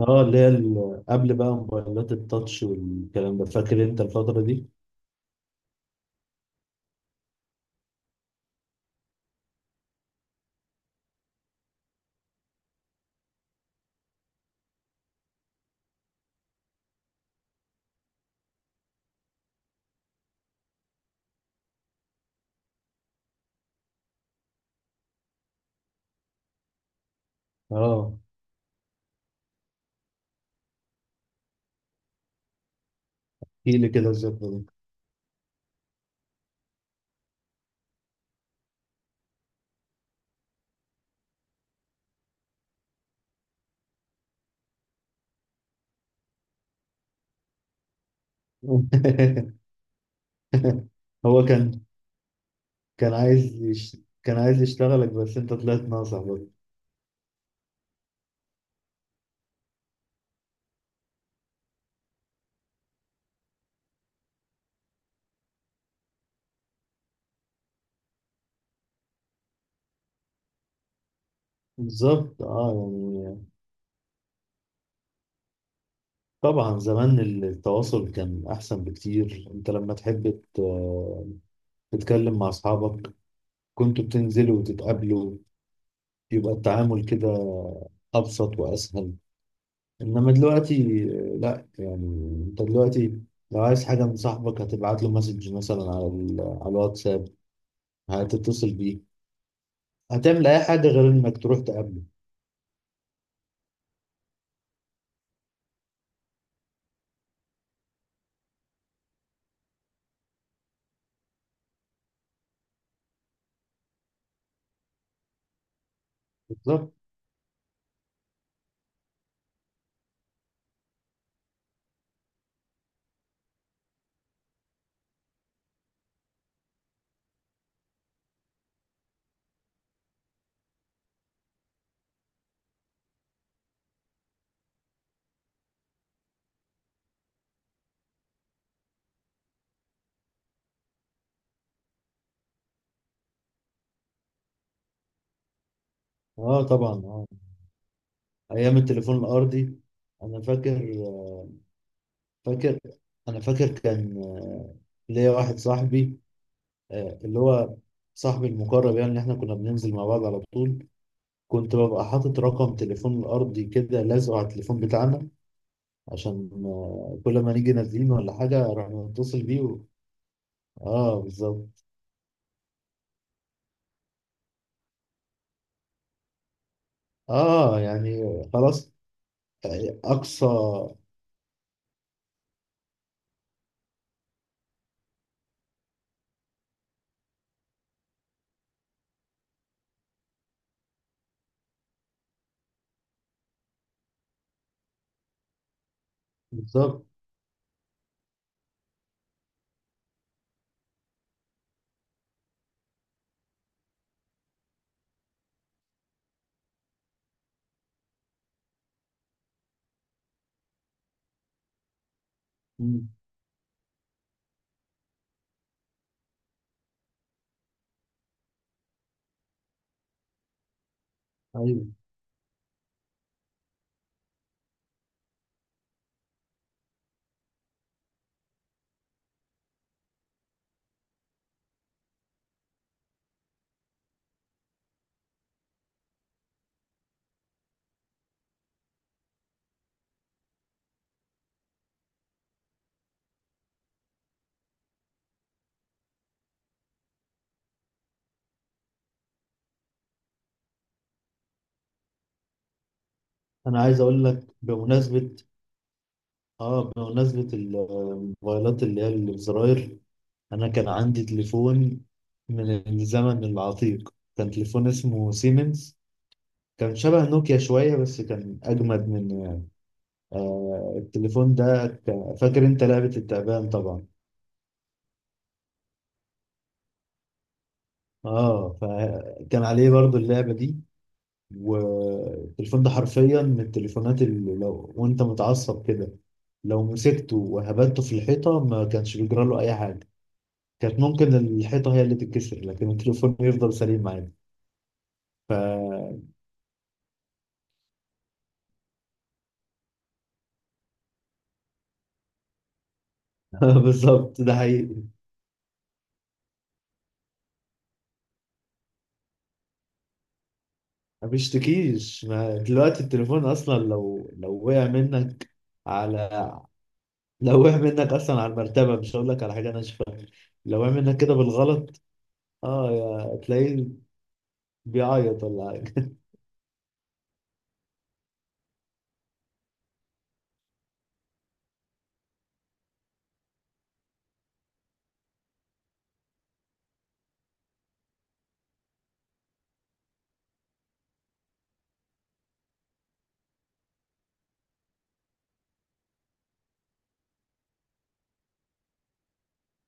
اه، اللي هي قبل بقى موبايلات التاتش والكلام ده. فاكر انت الفترة دي؟ اه، احكي لي كده الذكرى دي. هو كان كان عايز يش... كان عايز يشتغلك، بس انت طلعت ناصح برضه. بالظبط. اه، يعني طبعا زمان التواصل كان احسن بكتير. انت لما تحب تتكلم مع اصحابك، كنتوا بتنزلوا وتتقابلوا، يبقى التعامل كده ابسط واسهل. انما دلوقتي لا، يعني انت دلوقتي لو عايز حاجه من صاحبك، هتبعت له مسج مثلا على على الواتساب، هتتصل بيه، هتعمل اي حاجه غير انك تروح تقابله. بالظبط. اه، طبعا. اه، ايام التليفون الارضي. انا فاكر فاكر انا فاكر كان ليا واحد صاحبي، اللي هو صاحبي المقرب يعني، اللي احنا كنا بننزل مع بعض على طول. كنت ببقى حاطط رقم تليفون الارضي كده لازقه على التليفون بتاعنا، عشان كل ما نيجي نازلين ولا حاجة راح نتصل بيه و... اه، بالظبط. اه، يعني خلاص. اقصى. بالظبط. مم. ايوه، انا عايز اقول لك بمناسبة الموبايلات اللي هي اللي بزراير، انا كان عندي تليفون من الزمن العتيق. كان تليفون اسمه سيمنز، كان شبه نوكيا شوية، بس كان أجمد من التليفون ده. فاكر أنت لعبة التعبان طبعا؟ اه، فكان عليه برضو اللعبة دي. والتليفون ده حرفيا من التليفونات اللي لو وانت متعصب كده، لو مسكته وهبدته في الحيطة، ما كانش بيجرى له أي حاجة. كانت ممكن الحيطة هي اللي تتكسر، لكن التليفون يفضل سليم عادي. ف بالظبط، ده حقيقي. ما بيشتكيش. ما دلوقتي التليفون أصلا، لو وقع منك على لو وقع منك أصلا على المرتبة، مش هقول لك على حاجة ناشفة. لو وقع منك كده بالغلط، اه، تلاقيه بيعيط ولا حاجة.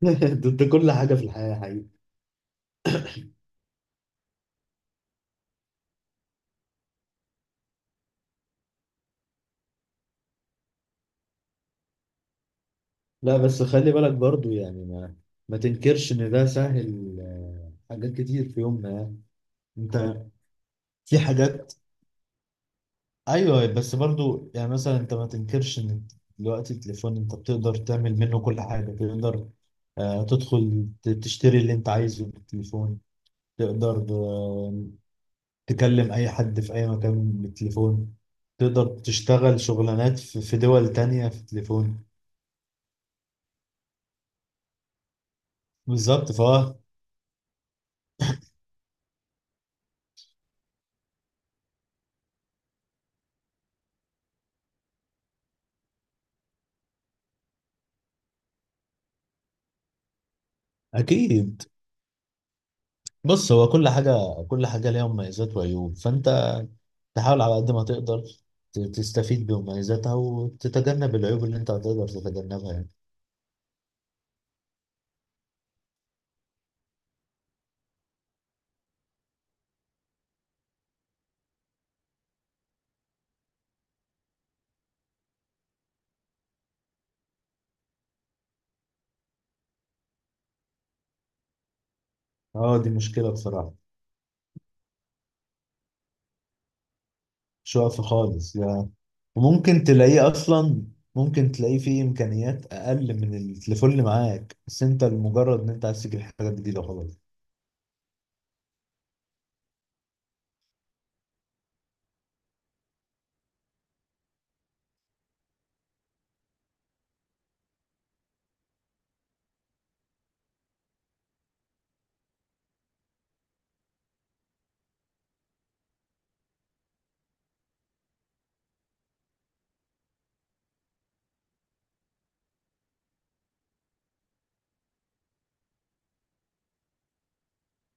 ضد كل حاجة في الحياة، حقيقي. لا، بس خلي بالك برضو. يعني ما تنكرش إن ده سهل حاجات كتير في يومنا، يعني. أنت. في حاجات. أيوه، بس برضو يعني مثلا أنت ما تنكرش إن دلوقتي التليفون أنت بتقدر تعمل منه كل حاجة. تقدر تدخل تشتري اللي أنت عايزه بالتليفون، تقدر تكلم أي حد في أي مكان بالتليفون، تقدر تشتغل شغلانات في دول تانية في التليفون. بالظبط، فهو... اكيد. بص، هو كل حاجه كل حاجه ليها مميزات وعيوب. فانت تحاول على قد ما تقدر تستفيد بمميزاتها وتتجنب العيوب اللي انت هتقدر تتجنبها يعني. اه، دي مشكله بصراحه. مش واقفه خالص يعني. وممكن تلاقيه اصلا، ممكن تلاقيه فيه امكانيات اقل من التليفون اللي معاك، بس انت لمجرد ان انت عايز تجيب حاجه جديده، خلاص.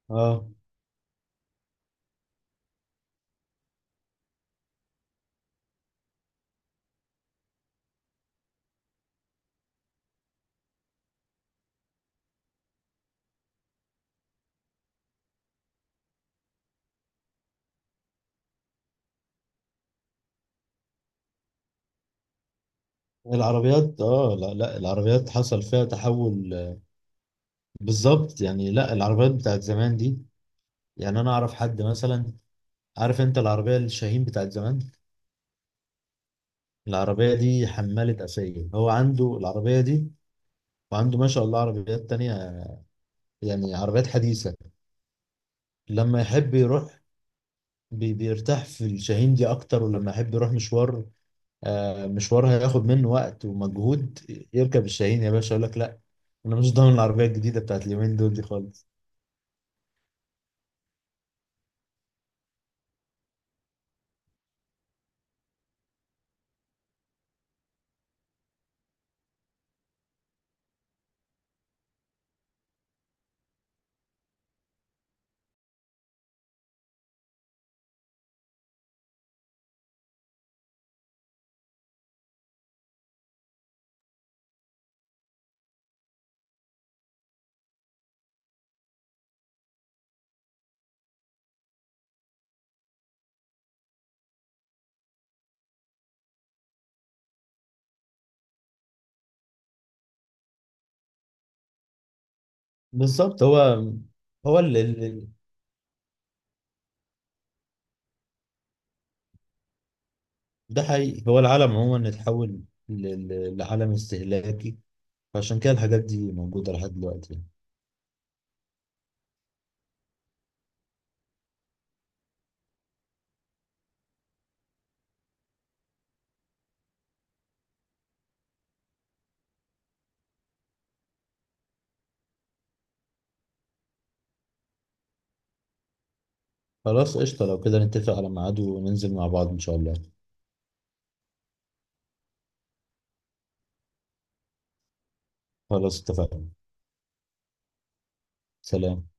اه، العربيات. اه لا لا، العربيات حصل فيها تحول بالظبط. يعني لا، العربيات بتاعت زمان دي، يعني انا اعرف حد مثلا. عارف انت العربيه الشاهين بتاعت زمان؟ العربيه دي حماله اسايل. هو عنده العربيه دي، وعنده ما شاء الله عربيات تانية، يعني عربيات حديثه. لما يحب يروح بيرتاح في الشاهين دي اكتر، ولما يحب يروح مشوار، مشوار هياخد منه وقت ومجهود، يركب الشاهين يا باشا، يقول لك لا، انا مش ضامن العربيه الجديده بتاعت اليومين دول دي خالص. بالظبط. هو هو ال... ال- ال- ده حقيقي. هو العالم عموما اتحول لعالم استهلاكي، فعشان كده الحاجات دي موجودة لحد دلوقتي يعني. خلاص، قشطة. لو كده نتفق على ميعاد وننزل مع بعض إن شاء الله. خلاص اتفقنا. سلام.